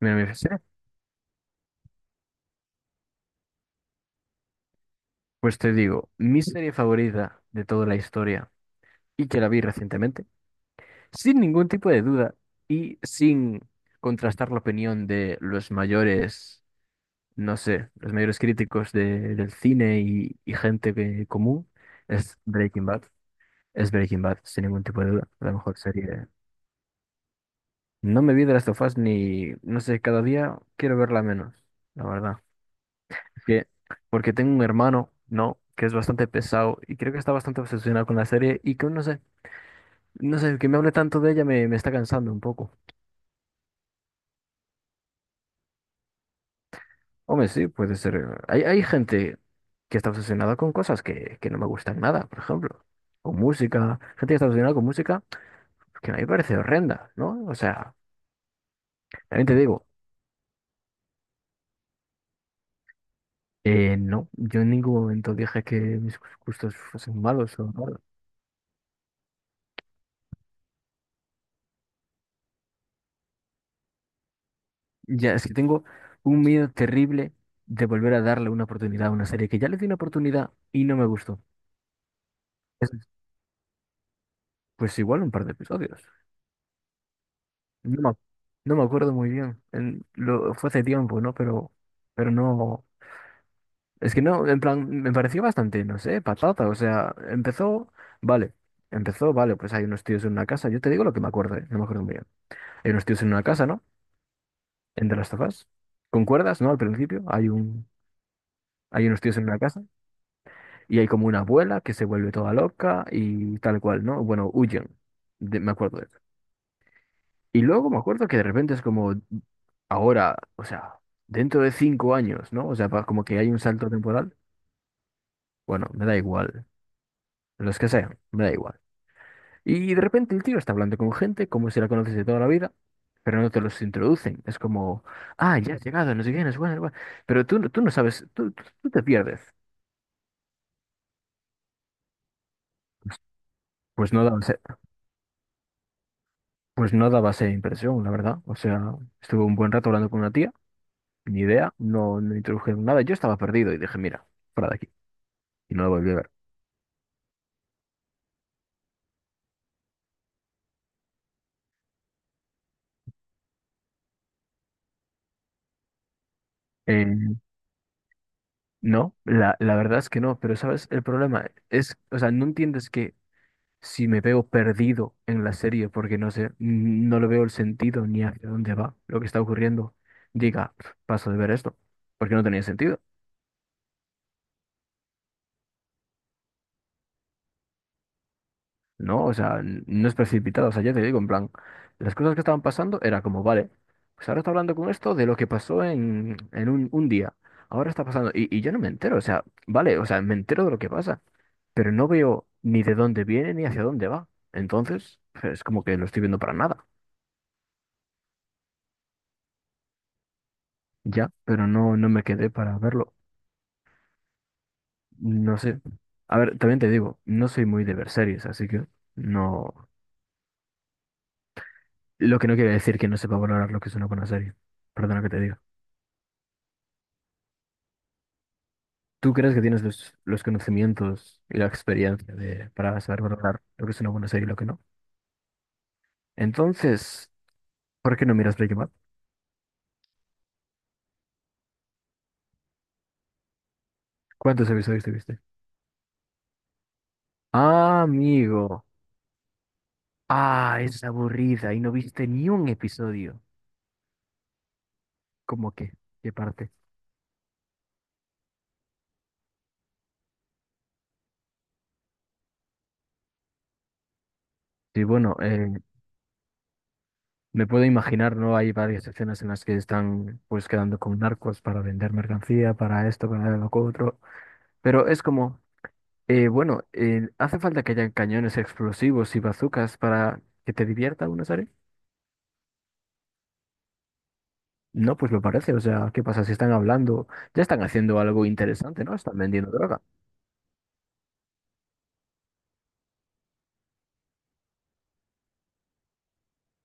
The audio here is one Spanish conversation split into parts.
Mira, me dices, pues te digo, mi serie favorita de toda la historia y que la vi recientemente, sin ningún tipo de duda y sin contrastar la opinión de los mayores, no sé, los mayores críticos del cine y, gente común, es Breaking Bad. Es Breaking Bad, sin ningún tipo de duda, la mejor serie. No me vi de las of Us ni, no sé, cada día quiero verla menos, la verdad. Que Porque tengo un hermano, ¿no? Que es bastante pesado y creo que está bastante obsesionado con la serie y que no sé, que me hable tanto de ella me está cansando un poco. Hombre, sí, puede ser. Hay gente que está obsesionada con cosas que no me gustan nada, por ejemplo, con música. Gente que está obsesionada con música que a mí me parece horrenda, ¿no? O sea, también te digo, no, yo en ningún momento dije que mis gustos fuesen malos o malos. Ya, es que tengo un miedo terrible de volver a darle una oportunidad a una serie que ya le di una oportunidad y no me gustó. Es, pues igual un par de episodios. No, no me acuerdo muy bien. Fue hace tiempo, ¿no? Pero no. Es que no, en plan, me pareció bastante, no sé, patata. O sea, empezó, vale. Empezó, vale, pues hay unos tíos en una casa. Yo te digo lo que me acuerdo, ¿eh? No me acuerdo muy bien. Hay unos tíos en una casa, ¿no? En The Last of Us. ¿Concuerdas, no? Al principio hay hay unos tíos en una casa. Y hay como una abuela que se vuelve toda loca y tal cual, ¿no? Bueno, huyen. Me acuerdo de eso. Y luego me acuerdo que de repente es como ahora, o sea, dentro de 5 años, ¿no? O sea, como que hay un salto temporal. Bueno, me da igual. Los que sean, me da igual. Y de repente el tío está hablando con gente como si la conoces de toda la vida, pero no te los introducen. Es como, ah, ya has llegado, no sé qué, no sé cuál, no sé cuál". Pero tú, tú no sabes, tú te pierdes. Pues pues no da, Pues no daba esa impresión, la verdad. O sea, estuve un buen rato hablando con una tía, ni idea, no introdujeron nada. Yo estaba perdido y dije, mira, fuera de aquí. Y no lo volví a ver. Eh, no, la verdad es que no, pero ¿sabes? El problema es, o sea, no entiendes que si me veo perdido en la serie porque no sé, no le veo el sentido ni hacia dónde va lo que está ocurriendo, diga, "Pf, paso de ver esto, porque no tenía sentido. No, o sea, no es precipitado. O sea, ya te digo, en plan, las cosas que estaban pasando era como, vale, pues ahora está hablando con esto de lo que pasó en un día. Ahora está pasando. Y yo no me entero, o sea, vale, o sea, me entero de lo que pasa, pero no veo ni de dónde viene ni hacia dónde va. Entonces, es como que lo estoy viendo para nada. Ya, pero no, no me quedé para verlo. No sé. A ver, también te digo, no soy muy de ver series, así que no. Lo que no quiere decir que no sepa valorar lo que es una buena serie. Perdona que te diga. ¿Tú crees que tienes los conocimientos y la experiencia para saber valorar lo que es una buena serie y lo que no? Entonces, ¿por qué no miras Breaking Bad? ¿Cuántos episodios te viste? Ah, amigo. Ah, es aburrida y no viste ni un episodio. ¿Cómo que? ¿Qué parte? Sí, bueno, me puedo imaginar, ¿no? Hay varias escenas en las que están pues quedando con narcos para vender mercancía, para esto, para lo otro. Pero es como, bueno, ¿hace falta que hayan cañones explosivos y bazucas para que te divierta una serie? No, pues me parece. O sea, ¿qué pasa? Si están hablando, ya están haciendo algo interesante, ¿no? Están vendiendo droga.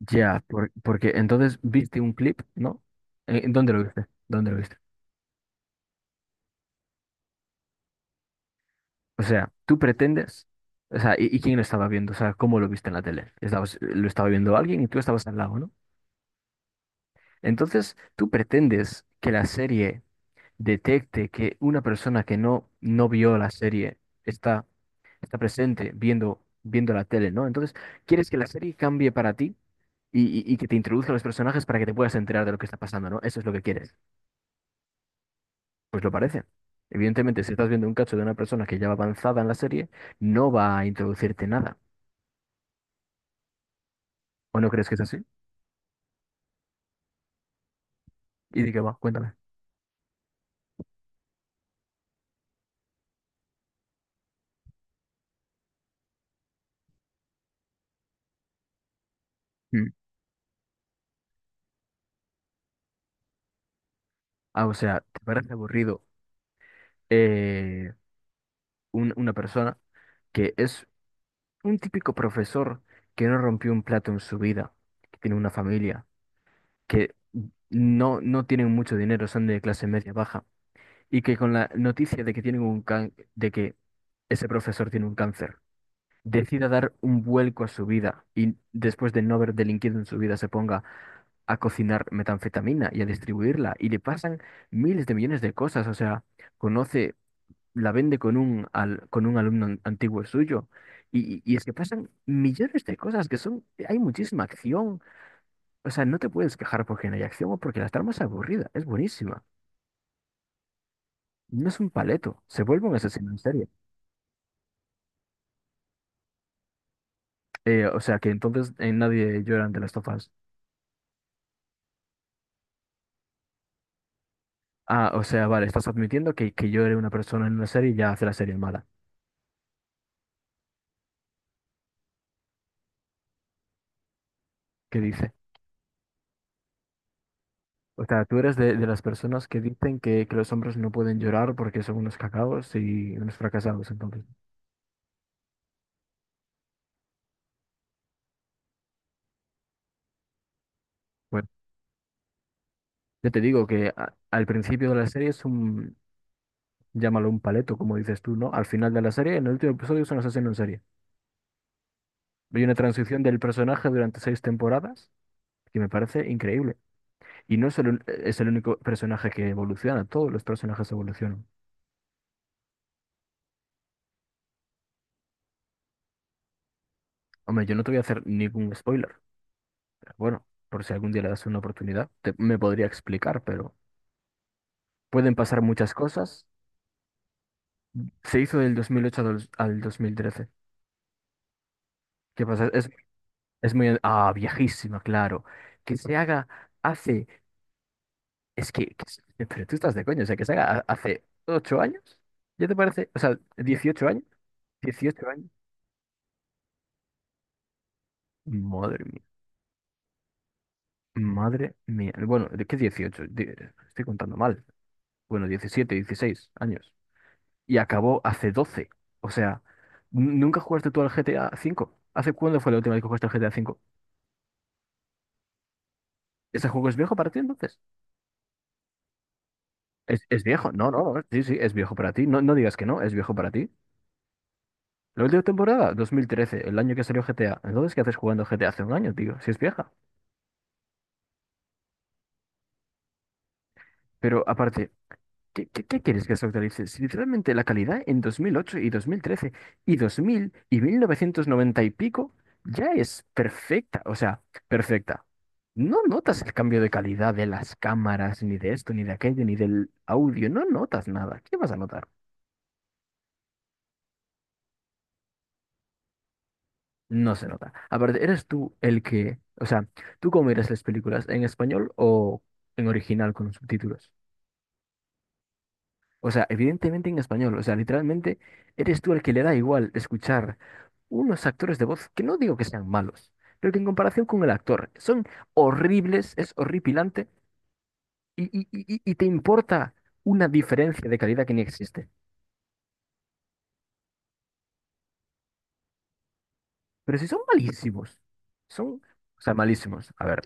Ya, porque entonces viste un clip, ¿no? ¿Dónde lo viste? ¿Dónde lo viste? O sea, tú pretendes. O sea, y quién lo estaba viendo? O sea, ¿cómo lo viste en la tele? Estabas, lo estaba viendo alguien y tú estabas al lado, ¿no? Entonces, tú pretendes que la serie detecte que una persona que no, no vio la serie está está presente viendo, viendo la tele, ¿no? Entonces, quieres que la serie cambie para ti y, y que te introduzca a los personajes para que te puedas enterar de lo que está pasando, ¿no? Eso es lo que quieres. Pues lo parece. Evidentemente, si estás viendo un cacho de una persona que ya va avanzada en la serie, no va a introducirte nada. ¿O no crees que es así? ¿Y de qué va? Cuéntame. Mm. Ah, o sea, ¿te parece aburrido eh, una persona que es un típico profesor que no rompió un plato en su vida, que tiene una familia? Que no, no tienen mucho dinero, son de clase media baja, y que con la noticia de que tienen de que ese profesor tiene un cáncer, decida dar un vuelco a su vida y después de no haber delinquido en su vida se ponga a cocinar metanfetamina y a distribuirla y le pasan miles de millones de cosas, o sea, conoce, la vende con con un alumno antiguo suyo y es que pasan millones de cosas que son, hay muchísima acción, o sea, no te puedes quejar porque no hay acción o porque la trama es aburrida, es buenísima. No es un paleto, se vuelve un asesino en serie. O sea, que entonces nadie llora ante las tofas. Ah, o sea, vale, estás admitiendo que llore una persona en una serie y ya hace la serie mala. ¿Qué dice? O sea, tú eres de las personas que dicen que los hombres no pueden llorar porque son unos cacaos y unos fracasados. Entonces, bueno, yo te digo que al principio de la serie es un, llámalo un paleto, como dices tú, ¿no? Al final de la serie, en el último episodio es un asesino en serie. Hay una transición del personaje durante 6 temporadas que me parece increíble. Y no es es el único personaje que evoluciona, todos los personajes evolucionan. Hombre, yo no te voy a hacer ningún spoiler, pero bueno, por si algún día le das una oportunidad, me podría explicar, pero pueden pasar muchas cosas. Se hizo del 2008 al, al 2013. ¿Qué pasa? Es muy... Ah, viejísima, claro. Que se haga hace... Es que... pero tú estás de coño, o sea, que se haga hace 8 años. ¿Ya te parece? O sea, 18 años. 18 años. Madre mía. Madre mía. Bueno, ¿de qué 18 estoy contando mal. Bueno, 17 16 años. Y acabó hace doce. O sea, ¿nunca jugaste tú al GTA cinco? ¿Hace cuándo fue la última vez que jugaste al GTA cinco? ¿Ese juego es viejo para ti entonces? ¿Es viejo? No, no, no, sí, sí, es viejo para ti. No, no digas que no, es viejo para ti. La última temporada, 2013 el año que salió GTA. Entonces, ¿qué haces jugando GTA hace un año, tío? Si es vieja. Pero aparte, ¿qué quieres que se actualice? Si literalmente la calidad en 2008 y 2013 y 2000 y 1990 y pico ya es perfecta, o sea, perfecta. No notas el cambio de calidad de las cámaras, ni de esto, ni de aquello, ni del audio, no notas nada. ¿Qué vas a notar? No se nota. Aparte, eres tú el que, o sea, ¿tú cómo miras las películas? ¿En español o en original con los subtítulos? O sea, evidentemente en español, o sea, literalmente eres tú el que le da igual escuchar unos actores de voz que no digo que sean malos, pero que en comparación con el actor son horribles, es horripilante y te importa una diferencia de calidad que ni existe. Pero si son malísimos, son, o sea, malísimos. A ver,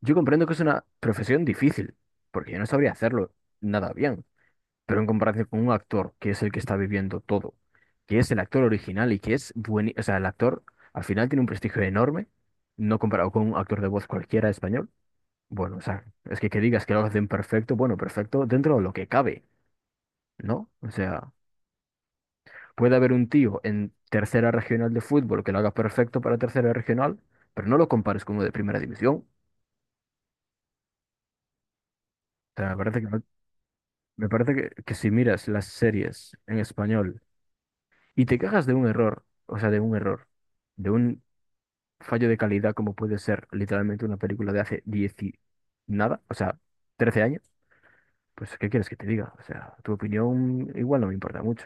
yo comprendo que es una profesión difícil, porque yo no sabría hacerlo nada bien, pero en comparación con un actor que es el que está viviendo todo, que es el actor original y que es bueno, o sea, el actor al final tiene un prestigio enorme, no comparado con un actor de voz cualquiera español. Bueno, o sea, es que digas que lo hacen perfecto, bueno, perfecto dentro de lo que cabe, ¿no? O sea, puede haber un tío en tercera regional de fútbol que lo haga perfecto para tercera regional, pero no lo compares con uno de primera división. O sea, me parece que, me parece que si miras las series en español y te quejas de un error, o sea, de un error, de un fallo de calidad como puede ser literalmente una película de hace 10 y nada, o sea, 13 años, pues ¿qué quieres que te diga? O sea, tu opinión igual no me importa mucho.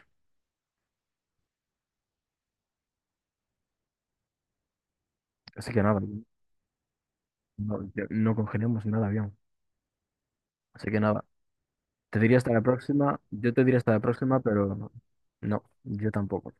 Así que nada. No, no congelamos nada bien. Así que nada, te diría hasta la próxima. Yo te diría hasta la próxima, pero no, yo tampoco.